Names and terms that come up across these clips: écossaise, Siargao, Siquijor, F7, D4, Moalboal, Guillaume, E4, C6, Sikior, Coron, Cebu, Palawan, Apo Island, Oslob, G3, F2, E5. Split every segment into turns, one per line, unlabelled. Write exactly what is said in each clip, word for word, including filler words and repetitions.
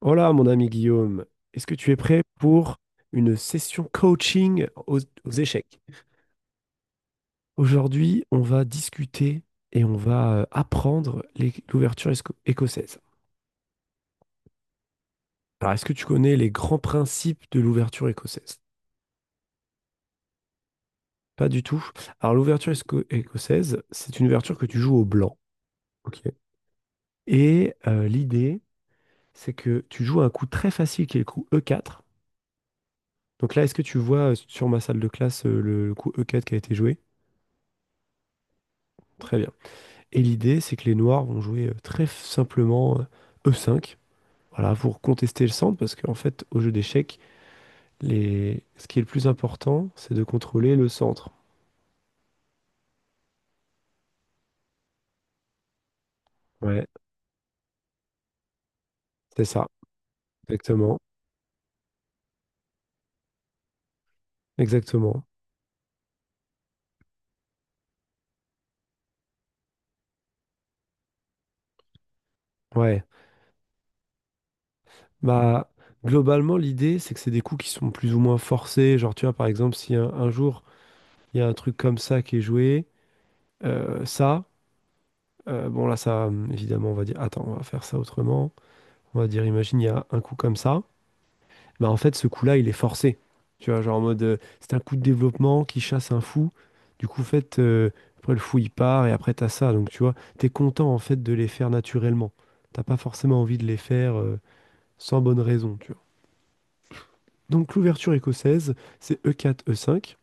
Hola mon ami Guillaume, est-ce que tu es prêt pour une session coaching aux, aux échecs? Aujourd'hui, on va discuter et on va euh, apprendre les- l'ouverture esco- écossaise. Alors, est-ce que tu connais les grands principes de l'ouverture écossaise? Pas du tout. Alors, l'ouverture esco- écossaise, c'est une ouverture que tu joues au blanc. Ok. Et euh, l'idée, c'est que tu joues un coup très facile qui est le coup e quatre. Donc là, est-ce que tu vois euh, sur ma salle de classe euh, le le coup e quatre qui a été joué? Très bien. Et l'idée, c'est que les noirs vont jouer euh, très f- simplement euh, e cinq, voilà, pour contester le centre, parce qu'en fait, au jeu d'échecs, les... ce qui est le plus important, c'est de contrôler le centre. Ouais, c'est ça, exactement, exactement. Ouais, bah, globalement, l'idée, c'est que c'est des coups qui sont plus ou moins forcés. Genre, tu vois, par exemple, si un, un jour, il y a un truc comme ça qui est joué, euh, ça, euh, bon, là, ça, hum, évidemment, on va dire, attends, on va faire ça autrement. On va dire, imagine, il y a un coup comme ça. Bah en fait, ce coup-là, il est forcé. Tu vois, genre en mode, euh, c'est un coup de développement qui chasse un fou. Du coup, en fait, euh, après le fou, il part et après, t'as ça. Donc, tu vois, t'es content en fait de les faire naturellement. T'as pas forcément envie de les faire euh, sans bonne raison, tu vois. Donc, l'ouverture écossaise, c'est e quatre, e cinq.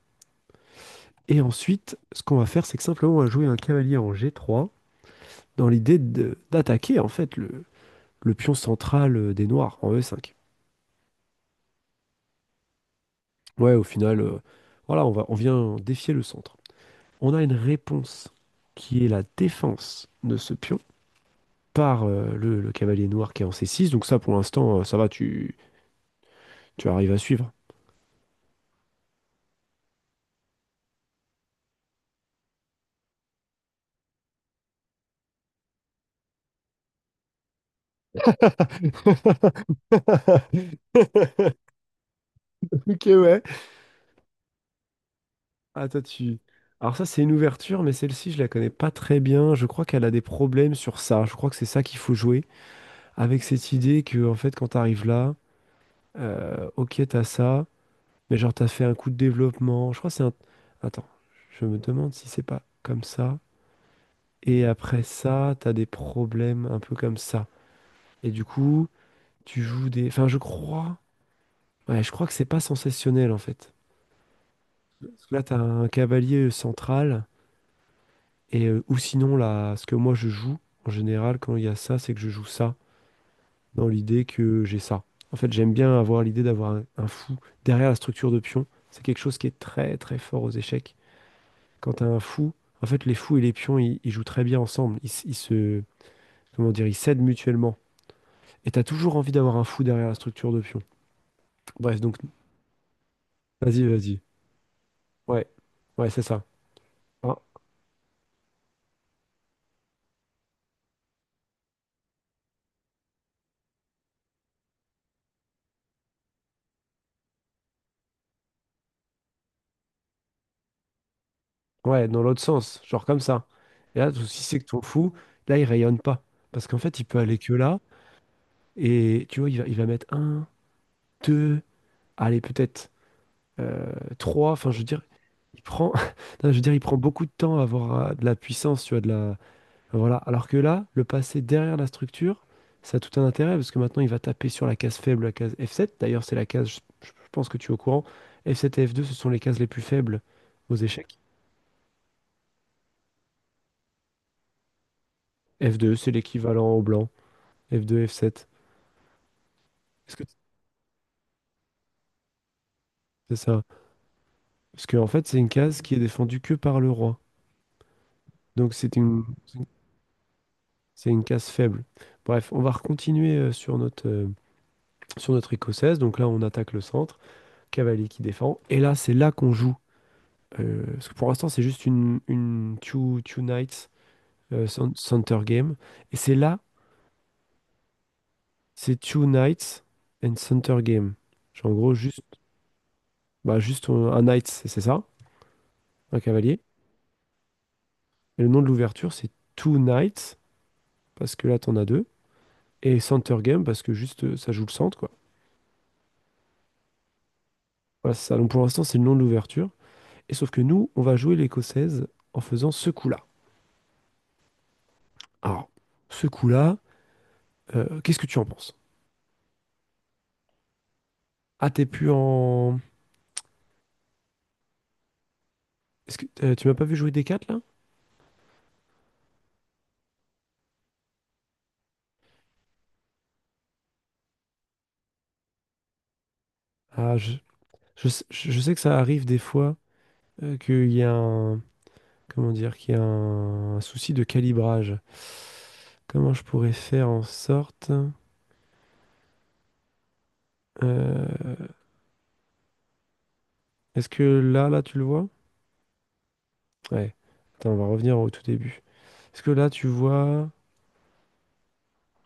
Et ensuite, ce qu'on va faire, c'est que simplement, on va jouer un cavalier en g trois dans l'idée de- d'attaquer en fait le, le pion central euh, des noirs en e cinq. Ouais, au final, euh, voilà, on va, on vient défier le centre. On a une réponse qui est la défense de ce pion par euh, le, le cavalier noir qui est en c six. Donc ça, pour l'instant, euh, ça va, tu, tu arrives à suivre. Ok, ouais. Attends, tu... Alors ça, c'est une ouverture, mais celle-ci, je la connais pas très bien. Je crois qu'elle a des problèmes sur ça. Je crois que c'est ça qu'il faut jouer. Avec cette idée que, en fait, quand t'arrives là, euh, ok, t'as ça, mais genre, t'as fait un coup de développement. Je crois que c'est un... Attends, je me demande si c'est pas comme ça. Et après ça, t'as des problèmes un peu comme ça. Et du coup, tu joues des... Enfin, je crois... Ouais, je crois que c'est pas sensationnel, en fait. Parce que là, t'as un cavalier euh, central, et euh, ou sinon, là, ce que moi, je joue, en général, quand il y a ça, c'est que je joue ça, dans l'idée que j'ai ça. En fait, j'aime bien avoir l'idée d'avoir un, un fou derrière la structure de pion. C'est quelque chose qui est très, très fort aux échecs. Quand t'as un fou, en fait, les fous et les pions, ils, ils jouent très bien ensemble. Ils, s- ils se... Comment dire? Ils s'aident mutuellement. Et t'as toujours envie d'avoir un fou derrière la structure de pion. Bref, donc, vas-y, vas-y. Ouais, ouais, c'est ça. Hein ouais, dans l'autre sens, genre comme ça. Et là, le souci, c'est que ton fou, là, il rayonne pas. Parce qu'en fait, il peut aller que là. Et tu vois, il va, il va mettre un, deux, allez, peut-être euh, trois. Enfin, je veux dire, il prend, non, je veux dire, il prend beaucoup de temps à avoir euh, de la puissance, tu vois, de la, voilà. Alors que là, le passer derrière la structure, ça a tout un intérêt parce que maintenant, il va taper sur la case faible, la case f sept. D'ailleurs, c'est la case, je, je pense que tu es au courant. f sept et f deux, ce sont les cases les plus faibles aux échecs. f deux, c'est l'équivalent au blanc. f deux, f sept. Est-ce que t- c'est ça? Parce que, en fait, c'est une case qui est défendue que par le roi. Donc, c'est une, c'est une c'est une case faible. Bref, on va continuer euh, sur notre, euh, sur notre écossaise. Donc là, on attaque le centre. Cavalier qui défend. Et là, c'est là qu'on joue. Euh, parce que pour l'instant, c'est juste une, une two, two nights euh, cen- center game. Et c'est là, c'est two nights and center game. Genre, en gros, juste, bah, juste un, un knight, c'est c'est ça, un cavalier. Et le nom de l'ouverture, c'est two knights, parce que là, t'en as deux. Et center game, parce que juste, euh, ça joue le centre, quoi. Voilà, c'est ça. Donc pour l'instant, c'est le nom de l'ouverture. Et sauf que nous, on va jouer l'écossaise en faisant ce coup-là. Alors, ce coup-là, euh, qu'est-ce que tu en penses? Ah, t'es plus en... Est-ce que, euh, tu m'as pas vu jouer d quatre là? Ah, je, je, sais je sais que ça arrive des fois euh, qu'il y a un, comment dire, qu'il y a un, souci de calibrage. Comment je pourrais faire en sorte... euh, est-ce que là, là, tu le vois? Ouais. Attends, on va revenir au tout début. Est-ce que là, tu vois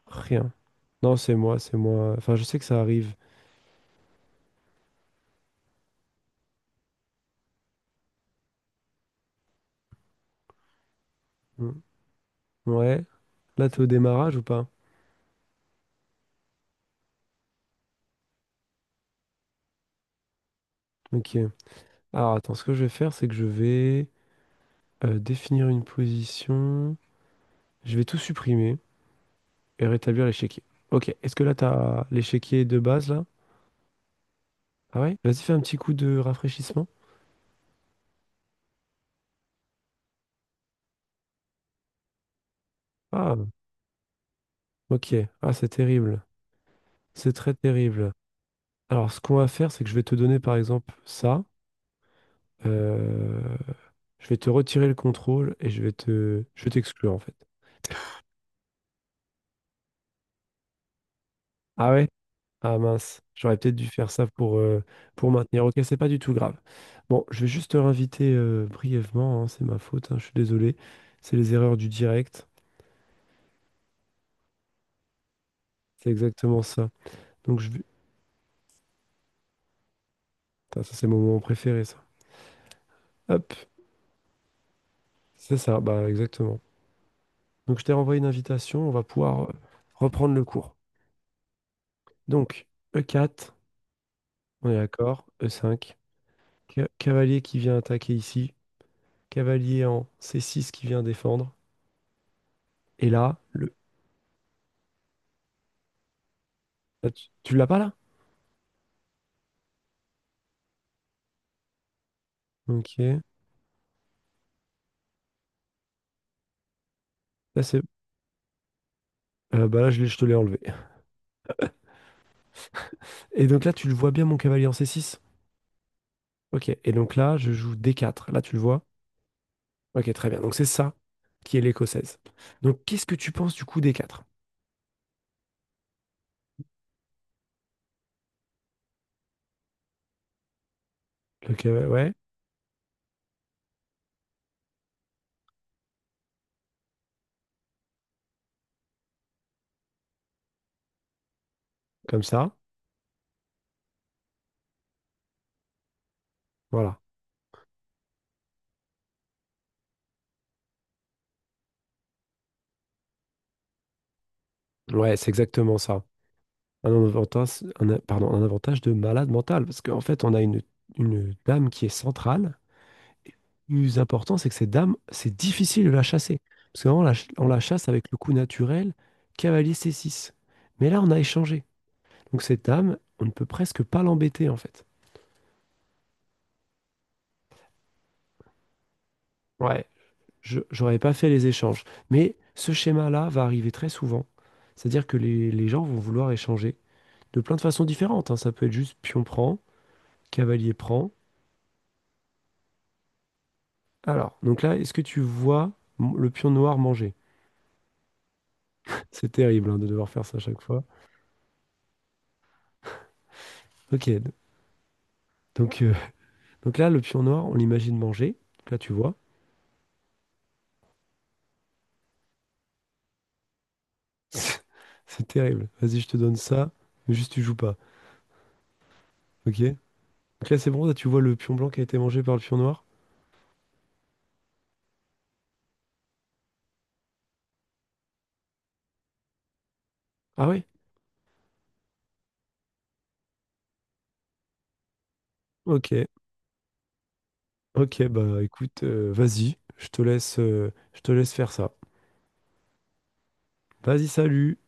rien? Non, c'est moi, c'est moi. Enfin, je sais que ça arrive. Hmm. Ouais. Là, t'es au démarrage ou pas? Ok. Alors, attends, ce que je vais faire, c'est que je vais euh, définir une position. Je vais tout supprimer. Et rétablir l'échiquier. Ok. Est-ce que là, t'as l'échiquier de base, là? Ah ouais? Vas-y, fais un petit coup de rafraîchissement. Ah, ok. Ah, c'est terrible. C'est très terrible. Alors, ce qu'on va faire, c'est que je vais te donner, par exemple, ça. Euh, Je vais te retirer le contrôle et je vais te... Je vais t'exclure, en fait. Ah ouais? Ah mince. J'aurais peut-être dû faire ça pour, euh, pour maintenir. Ok, c'est pas du tout grave. Bon, je vais juste te réinviter euh, brièvement. Hein, c'est ma faute. Hein, je suis désolé. C'est les erreurs du direct. C'est exactement ça. Donc, je Putain, ça, c'est mon moment préféré, ça. Hop, c'est ça, bah exactement. Donc, je t'ai renvoyé une invitation, on va pouvoir euh, reprendre le cours. Donc, e quatre, on est d'accord, e cinq, ca- cavalier qui vient attaquer ici, cavalier en c six qui vient défendre, et là, le... là, tu tu l'as pas là? Ok, là c'est... euh, bah là, je, l'ai- je te l'ai enlevé. Et donc là, tu le vois bien, mon cavalier en c six? Ok, et donc là, je joue d quatre, là, tu le vois? Ok, très bien, donc c'est ça qui est l'écossaise. Donc, qu'est-ce que tu penses du coup d quatre? Le cavalier, ouais. Comme ça. Voilà. Ouais, c'est exactement ça. Un avantage, un a- pardon, un avantage de malade mental. Parce qu'en fait, on a une, une dame qui est centrale. Et le plus important, c'est que cette dame, c'est difficile de la chasser. Parce qu'avant, on la, ch- on la chasse avec le coup naturel, cavalier c six. Mais là, on a échangé. Donc cette dame, on ne peut presque pas l'embêter, en fait. Ouais, je, j'aurais pas fait les échanges. Mais ce schéma-là va arriver très souvent. C'est-à-dire que les, les gens vont vouloir échanger de plein de façons différentes. Hein. Ça peut être juste pion-prend. Cavalier prend. Alors, donc là, est-ce que tu vois m- le pion noir manger? C'est terrible hein, de devoir faire ça à chaque fois. Ok, d- donc, euh, donc là, le pion noir, on l'imagine manger. Donc là, tu vois. C'est terrible. Vas-y, je te donne ça, mais juste tu joues pas. Ok? Donc là, c'est bon, là, tu vois le pion blanc qui a été mangé par le pion noir? Ah oui? Ok, ok, bah écoute, euh, vas-y, je te laisse, euh, je te laisse faire ça. Vas-y, salut!